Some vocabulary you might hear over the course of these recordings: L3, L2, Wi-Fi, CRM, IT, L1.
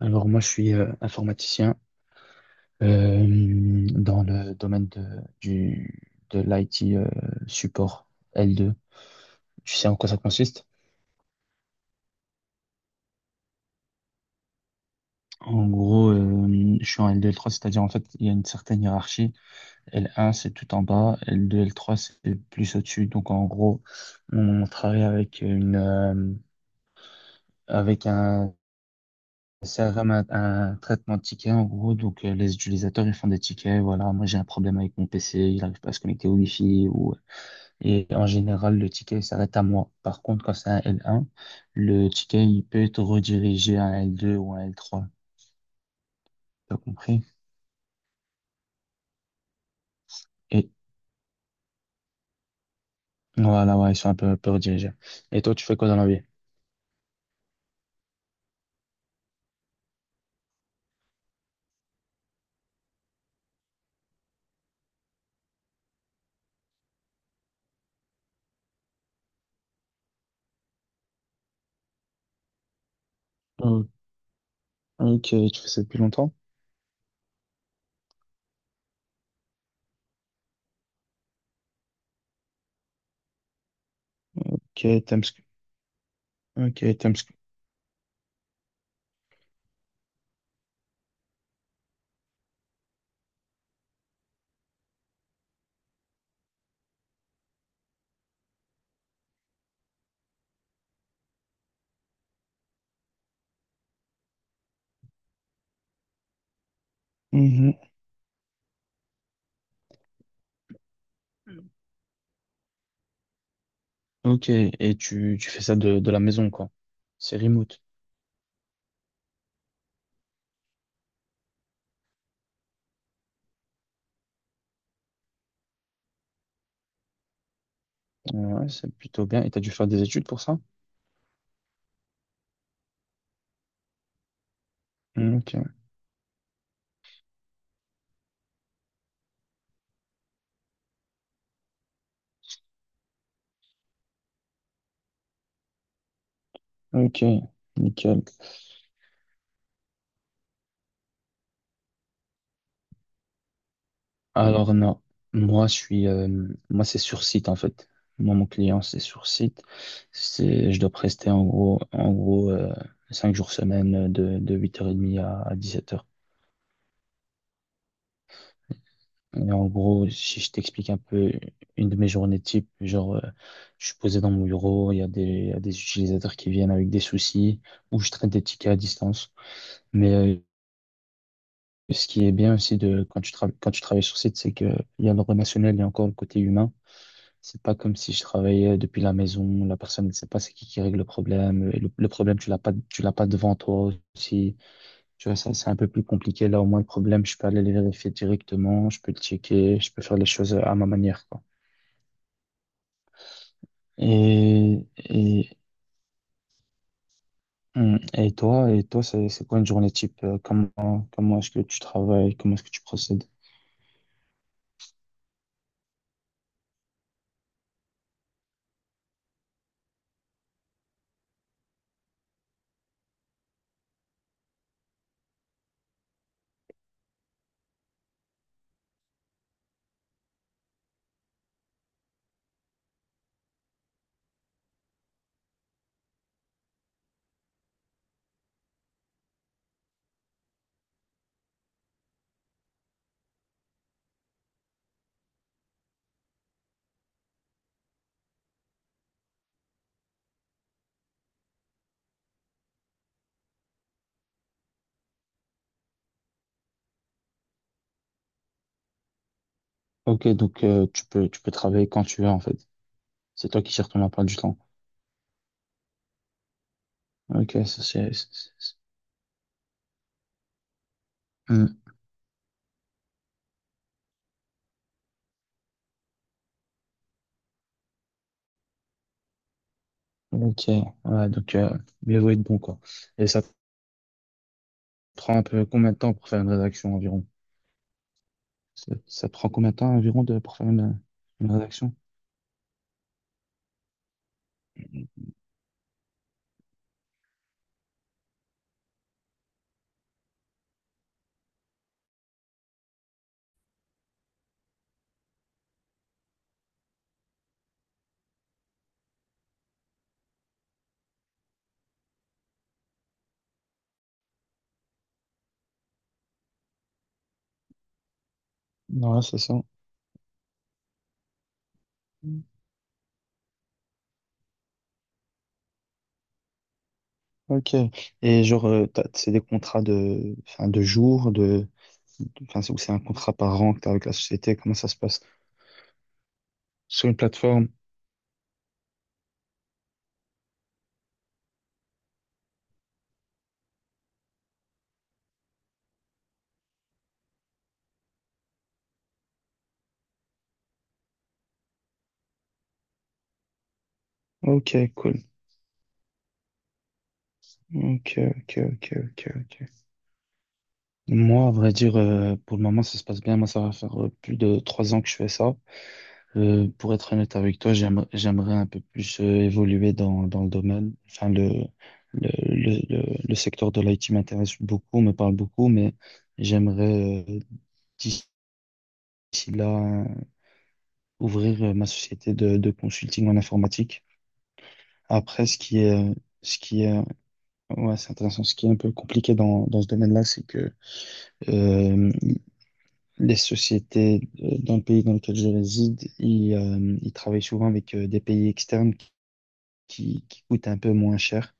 Alors moi, je suis informaticien dans le domaine du, de l'IT support L2. Tu sais en quoi ça consiste? En gros, je suis en L2, L3, c'est-à-dire en fait, il y a une certaine hiérarchie. L1, c'est tout en bas. L2, L3, c'est plus au-dessus. Donc en gros, on travaille avec un CRM, un traitement de tickets en gros. Donc les utilisateurs, ils font des tickets. Voilà, moi j'ai un problème avec mon PC, il n'arrive pas à se connecter au Wi-Fi ou. Et en général, le ticket il s'arrête à moi. Par contre, quand c'est un L1, le ticket, il peut être redirigé à un L2 ou un L3. T'as compris? Et voilà, ouais, ils sont un peu redirigés. Et toi, tu fais quoi dans la vie? Oh, ok, tu fais ça depuis longtemps? Ok, t'aimes ce que... Ok, t'aimes ce que... Mhm. Ok, et tu fais ça de la maison, quoi. C'est remote. Ouais, c'est plutôt bien. Et t'as dû faire des études pour ça? Ok, ok, nickel. Alors non, moi je suis, euh, moi c'est sur site en fait. Moi mon client c'est sur site. Je dois prester en gros, 5 jours semaine de 8h30 à 7 heures. Et en gros, si je t'explique un peu une de mes journées type, genre, je suis posé dans mon bureau, il y a des utilisateurs qui viennent avec des soucis, ou je traite des tickets à distance. Mais ce qui est bien aussi quand tu travailles sur site, c'est que il y a le relationnel, il y a encore le côté humain. C'est pas comme si je travaillais depuis la maison, la personne ne sait pas c'est qui règle le problème, et le problème tu l'as pas devant toi aussi. Tu vois, ça, c'est un peu plus compliqué. Là, au moins, le problème, je peux aller le vérifier directement, je peux le checker, je peux faire les choses à ma manière, quoi. Et, et, et toi, c'est quoi une journée type? Comment est-ce que tu travailles? Comment est-ce que tu procèdes? Ok, donc, tu peux travailler quand tu veux, en fait. C'est toi qui gères ton emploi du temps. Ok, ça, c'est- Mm. Ok, ouais, donc mieux vaut être bon quoi. Et ça te prend un peu combien de temps pour faire une rédaction environ? Ça te prend combien de temps environ pour faire une rédaction? Ouais, c'est ça. Mm. Ok. Et genre, c'est des contrats de, enfin, de jours, enfin, c'est ou c'est un contrat par an que t'as avec la société, comment ça se passe? Sur une plateforme. Ok, cool. Ok, ok, ok, ok, ok. Moi, à vrai dire, pour le moment, ça se passe bien. Moi, ça va faire plus de 3 ans que je fais ça. Pour être honnête avec toi, j'aimerais un peu plus évoluer dans le domaine. Enfin, le secteur de l'IT m'intéresse beaucoup, me parle beaucoup, mais j'aimerais d'ici là ouvrir ma société de consulting en informatique. Après, ce qui est, ouais, c'est intéressant. Ce qui est un peu compliqué dans ce domaine-là, c'est que euh, les sociétés dans le pays dans lequel je réside, ils travaillent souvent avec des pays externes qui coûte un peu moins cher.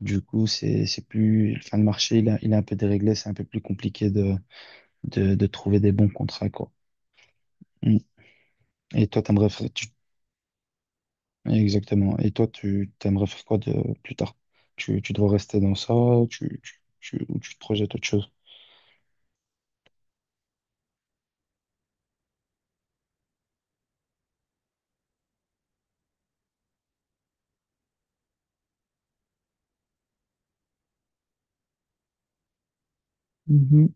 Du coup, enfin, le marché, il est un peu déréglé, c'est un peu plus compliqué de trouver des bons contrats, quoi. Mm. Et toi, t'aimerais faire, tu- exactement. Et toi, tu t'aimerais faire quoi de plus tard? Tu dois rester dans ça, ou tu te projettes autre chose? Mhm.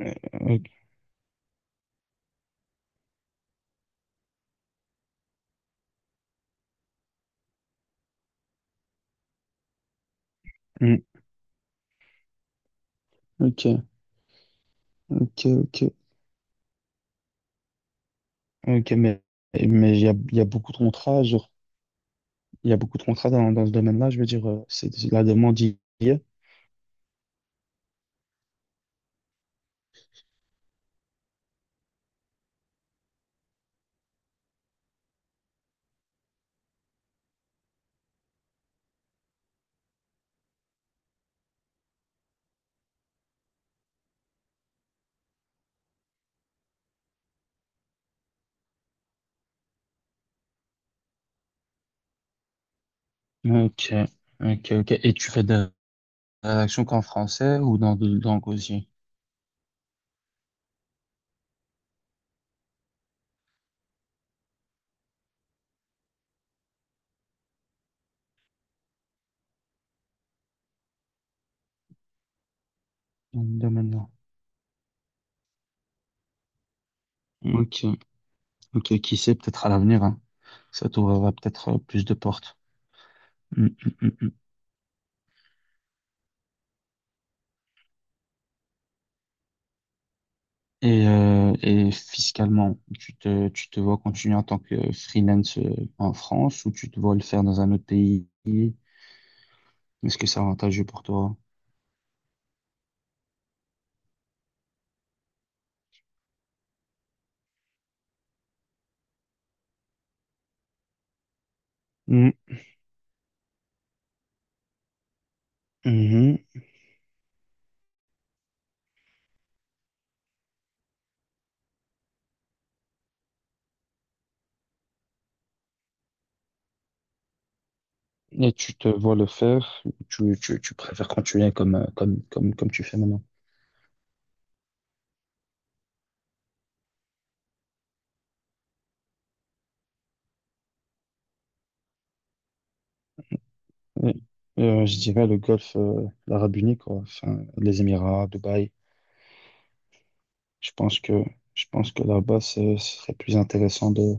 Euh, Ok, mm. Ok, ok, ok. Ok, mais il y a beaucoup de contrats, genre, il y a beaucoup de contrats dans ce domaine-là, je veux dire, c'est la demande hier. Ok, ok, ok. Et tu fais de la rédaction qu'en français ou dans d'autres langues aussi? Dans le domaine là. Ok, ok. Ok. Qui sait, peut-être à l'avenir, hein. Ça t'ouvrira peut-être plus de portes. Mm, mm, mm, mm. Et fiscalement, tu te vois continuer en tant que freelance en France ou tu te vois le faire dans un autre pays? Est-ce que c'est avantageux pour toi? Mm, mhm. Et tu te vois le faire ou tu préfères continuer comme tu fais maintenant? Oui. Et, je dirais le golfe, l'Arabie Unie, quoi. Enfin, les Émirats, Dubaï. Je pense que, je pense que là-bas, ce serait plus intéressant de,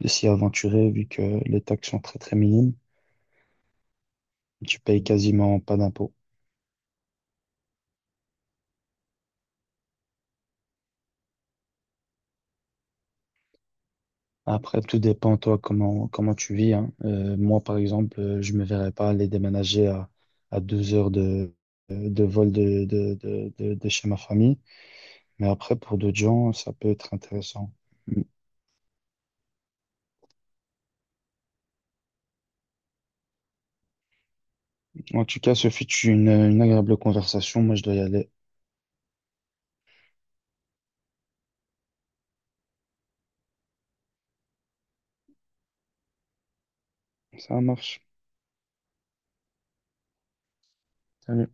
de s'y aventurer vu que les taxes sont très, très minimes. Tu payes quasiment pas d'impôts. Après, tout dépend, toi, comment tu vis, hein. Moi, par exemple, je me verrais pas aller déménager à 2 heures de vol de chez ma famille. Mais après, pour d'autres gens, ça peut être intéressant. En tout cas, ce fut une agréable conversation. Moi, je dois y aller. Ça marche. Salut.